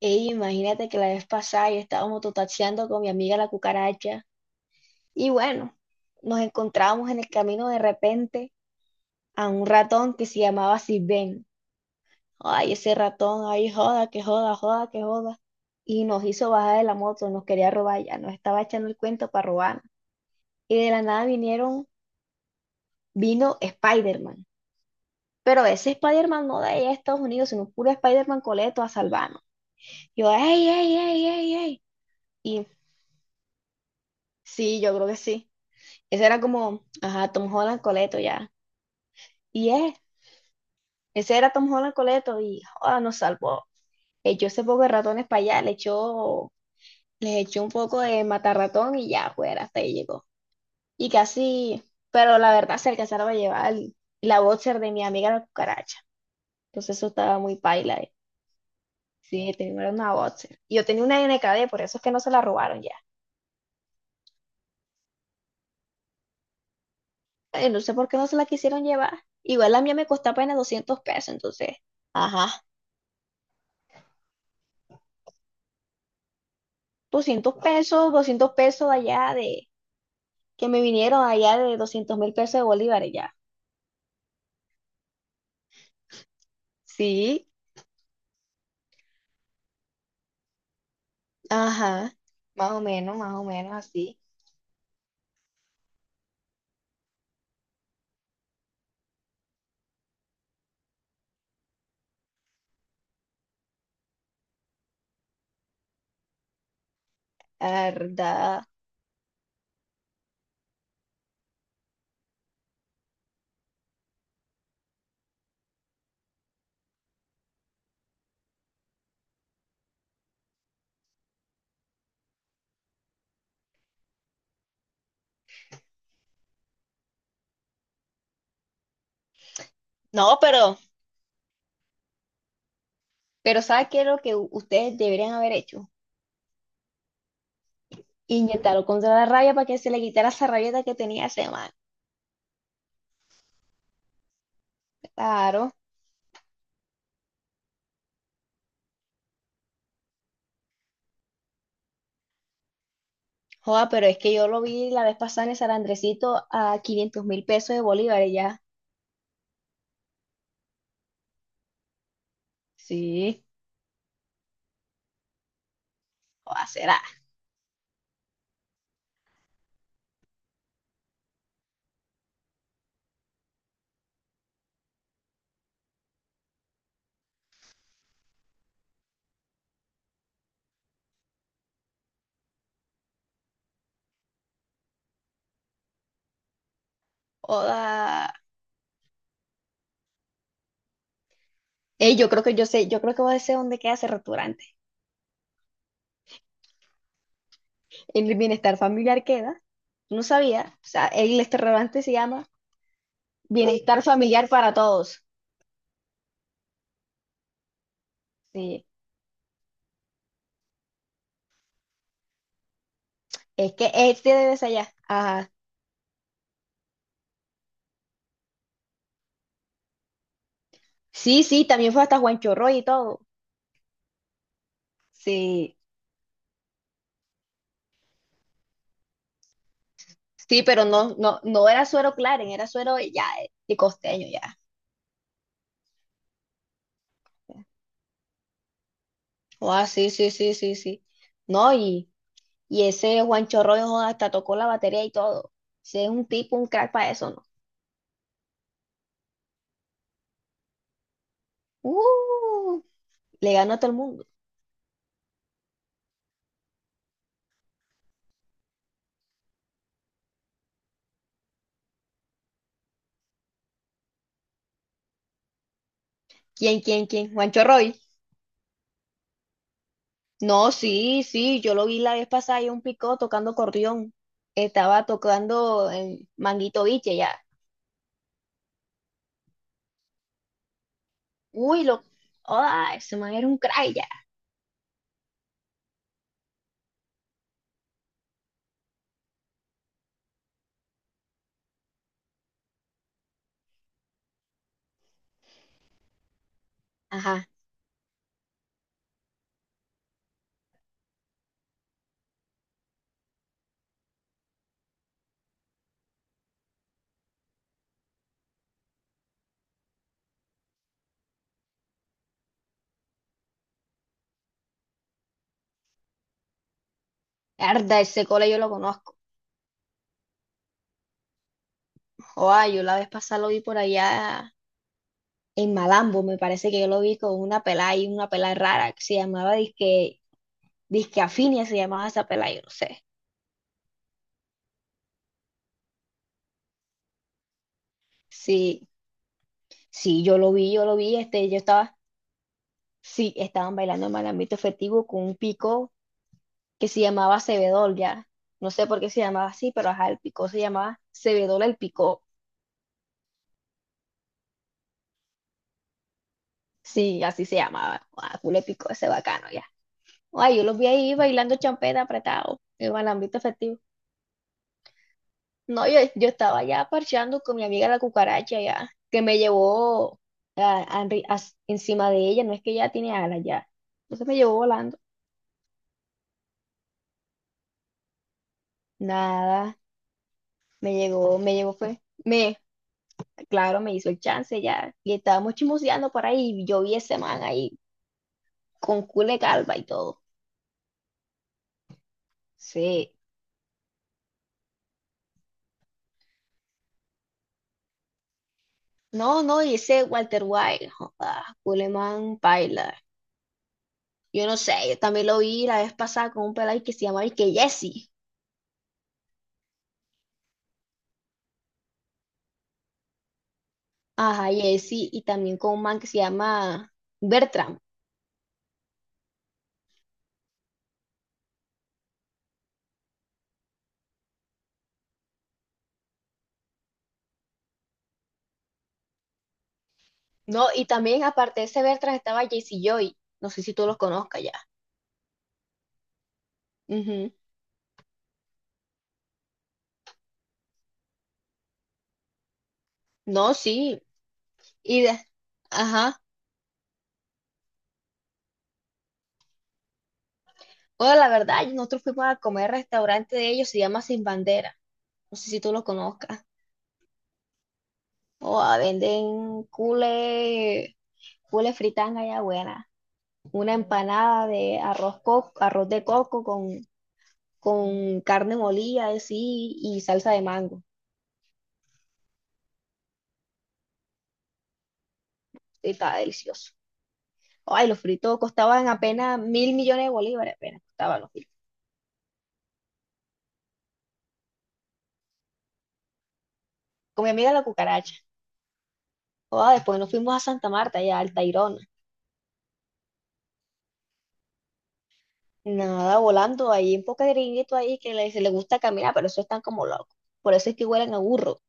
Ey, imagínate que la vez pasada yo estaba mototaxiando con mi amiga la cucaracha, y bueno, nos encontramos en el camino de repente a un ratón que se llamaba Sirven. Ay, ese ratón, ay, joda, que joda, joda, que joda. Y nos hizo bajar de la moto, nos quería robar ya, nos estaba echando el cuento para robar. Y de la nada vino Spider-Man. Pero ese Spider-Man no de allá de Estados Unidos, sino puro Spider-Man coleto a salvarnos. Yo, ey, ey, ey, ey, ey. Y sí, yo creo que sí. Ese era como, ajá, Tom Holland Coleto ya. Y es, ese era Tom Holland Coleto y joda, nos salvó. Echó ese poco de ratones para allá, le echó, les echó un poco de matarratón y ya fuera, hasta ahí llegó. Y casi, pero la verdad se alcanzaron a llevar la boxer de mi amiga la cucaracha. Entonces eso estaba muy paila. Sí, tenía una boxer. Y yo tenía una NKD, por eso es que no se la robaron ya. No sé por qué no se la quisieron llevar. Igual la mía me costó apenas $200, entonces, ajá. $200, $200 allá de, que me vinieron allá de $200.000 de bolívares ya. Sí, ajá, más o menos así, la verdad. No, pero sabes qué es lo que ustedes deberían haber hecho? Inyectarlo contra la rabia para que se le quitara esa rabieta que tenía ese man. Claro, joda, pero es que yo lo vi la vez pasada en el San Andresito a $500.000 de bolívares ya. Sí, joda, será. Joda. Ey, yo creo que yo sé, yo creo que voy a decir dónde queda ese restaurante. El bienestar familiar queda. No sabía. O sea, el restaurante se llama Bienestar Familiar para Todos. Sí. Es que este debes allá. Ajá. Sí, sí, también fue hasta Juan Chorroy y todo. Sí. Sí, pero no, no, no era suero Claren, era suero ya de costeño ya. Ah, sí, sí, sí, sí, sí. No, y ese Juan Chorroy joda, hasta tocó la batería y todo. Ese es un tipo, un crack para eso, ¿no? Uh, le ganó a todo el mundo. ¿Quién, quién, quién? Juan Chorroy. No, sí, sí, yo lo vi la vez pasada y un picó tocando corrión. Estaba tocando en Manguito Biche ya. Uy, lo. ¡Ah! Ese man era un cray ya. Ajá. Arda, ese cole yo lo conozco. ¡Ah! Yo la vez pasada lo vi por allá en Malambo. Me parece que yo lo vi con una pelada y una pelada rara que se llamaba Disque, Disque Afinia, se llamaba esa pelada, yo no sé. Sí, sí, yo lo vi, yo lo vi. Este, yo estaba. Sí, estaban bailando en Malambito Festivo con un pico que se llamaba Cebedol ya. No sé por qué se llamaba así, pero ajá, el picó se llamaba Cebedol el picó. Sí, así se llamaba. Ah, culo picó ese bacano ya. Ay, yo los vi ahí bailando champeta apretado, en el ámbito festivo. No, yo estaba ya parchando con mi amiga la cucaracha ya, que me llevó a- a enri- a- encima de ella, no es que ya tiene alas ya. Entonces me llevó volando. Nada, me llegó fue. Claro, me hizo el chance ya. Y estábamos chismoseando por ahí, y yo vi ese man ahí con Cule Calva y todo. Sí. No, no, y ese Walter White, joda, Culeman Paila. Yo no sé, yo también lo vi la vez pasada con un pelado que se llama y que Jesse. Ajá, Jesse, y también con un man que se llama Bertram. No, y también aparte de ese Bertram estaba Jesse Joy. No sé si tú los conozcas ya. Ujú. No, sí. Y de... Ajá. Bueno, la verdad, nosotros fuimos a comer al restaurante de ellos, se llama Sin Bandera. No sé si tú lo conozcas. O ah, venden cule fritanga ya buena. Una empanada de arroz, arroz de coco con carne molida así y salsa de mango. Y estaba delicioso. Ay, los fritos costaban apenas 1.000 millones de bolívares, apenas costaban los fritos. Con mi amiga la cucaracha. Ah, después nos fuimos a Santa Marta, allá al Tayrona. Nada, volando ahí, un poco de gringuito ahí que se le gusta caminar, pero eso están como locos. Por eso es que huelen a burro.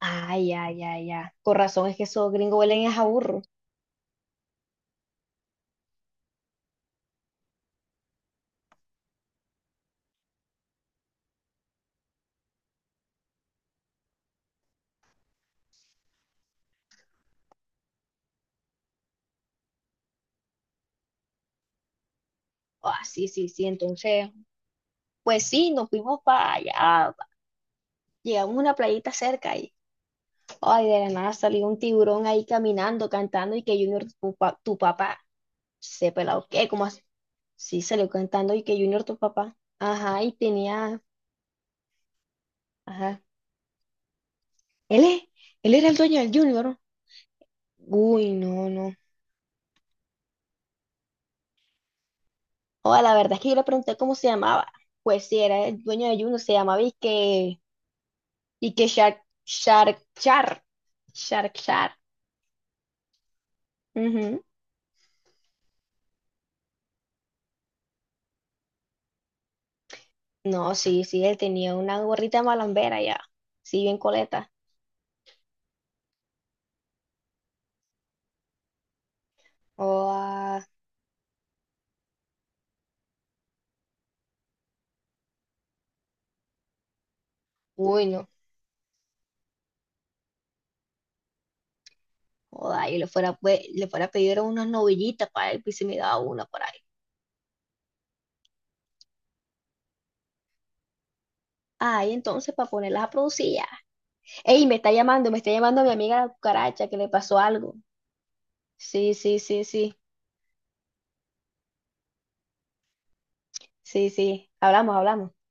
Ay, ay, ay, ay. Con razón es que esos gringos huelen es a burro. Ah, sí, sí, sí. Entonces, pues sí, nos fuimos para allá. Llegamos a una playita cerca y, ay, de la nada salió un tiburón ahí caminando, cantando y que Junior, tu papá, se pelado. ¿Qué? ¿Cómo así? Sí, salió cantando y que Junior, tu papá. Ajá, y tenía, ajá. Él es, él era el dueño del Junior. Uy, no, no. Oh, la verdad es que yo le pregunté cómo se llamaba. Pues sí, era el dueño de Junior, se llamaba y que y que Shark, Shark, Shark, Shark, Shark. Ujú. No, sí, sí, él tenía una gorrita malambera ya. Sí, bien coleta. Oh, ah, uy, no. Joda, y le fuera, pues, le fuera a pedir unas novillitas para él, pues se me daba una por ahí. Ay, entonces, para ponerlas a producir ya. Ey, me está llamando mi amiga la cucaracha, que le pasó algo. Sí, sí, sí, sí, sí, sí. Hablamos, hablamos.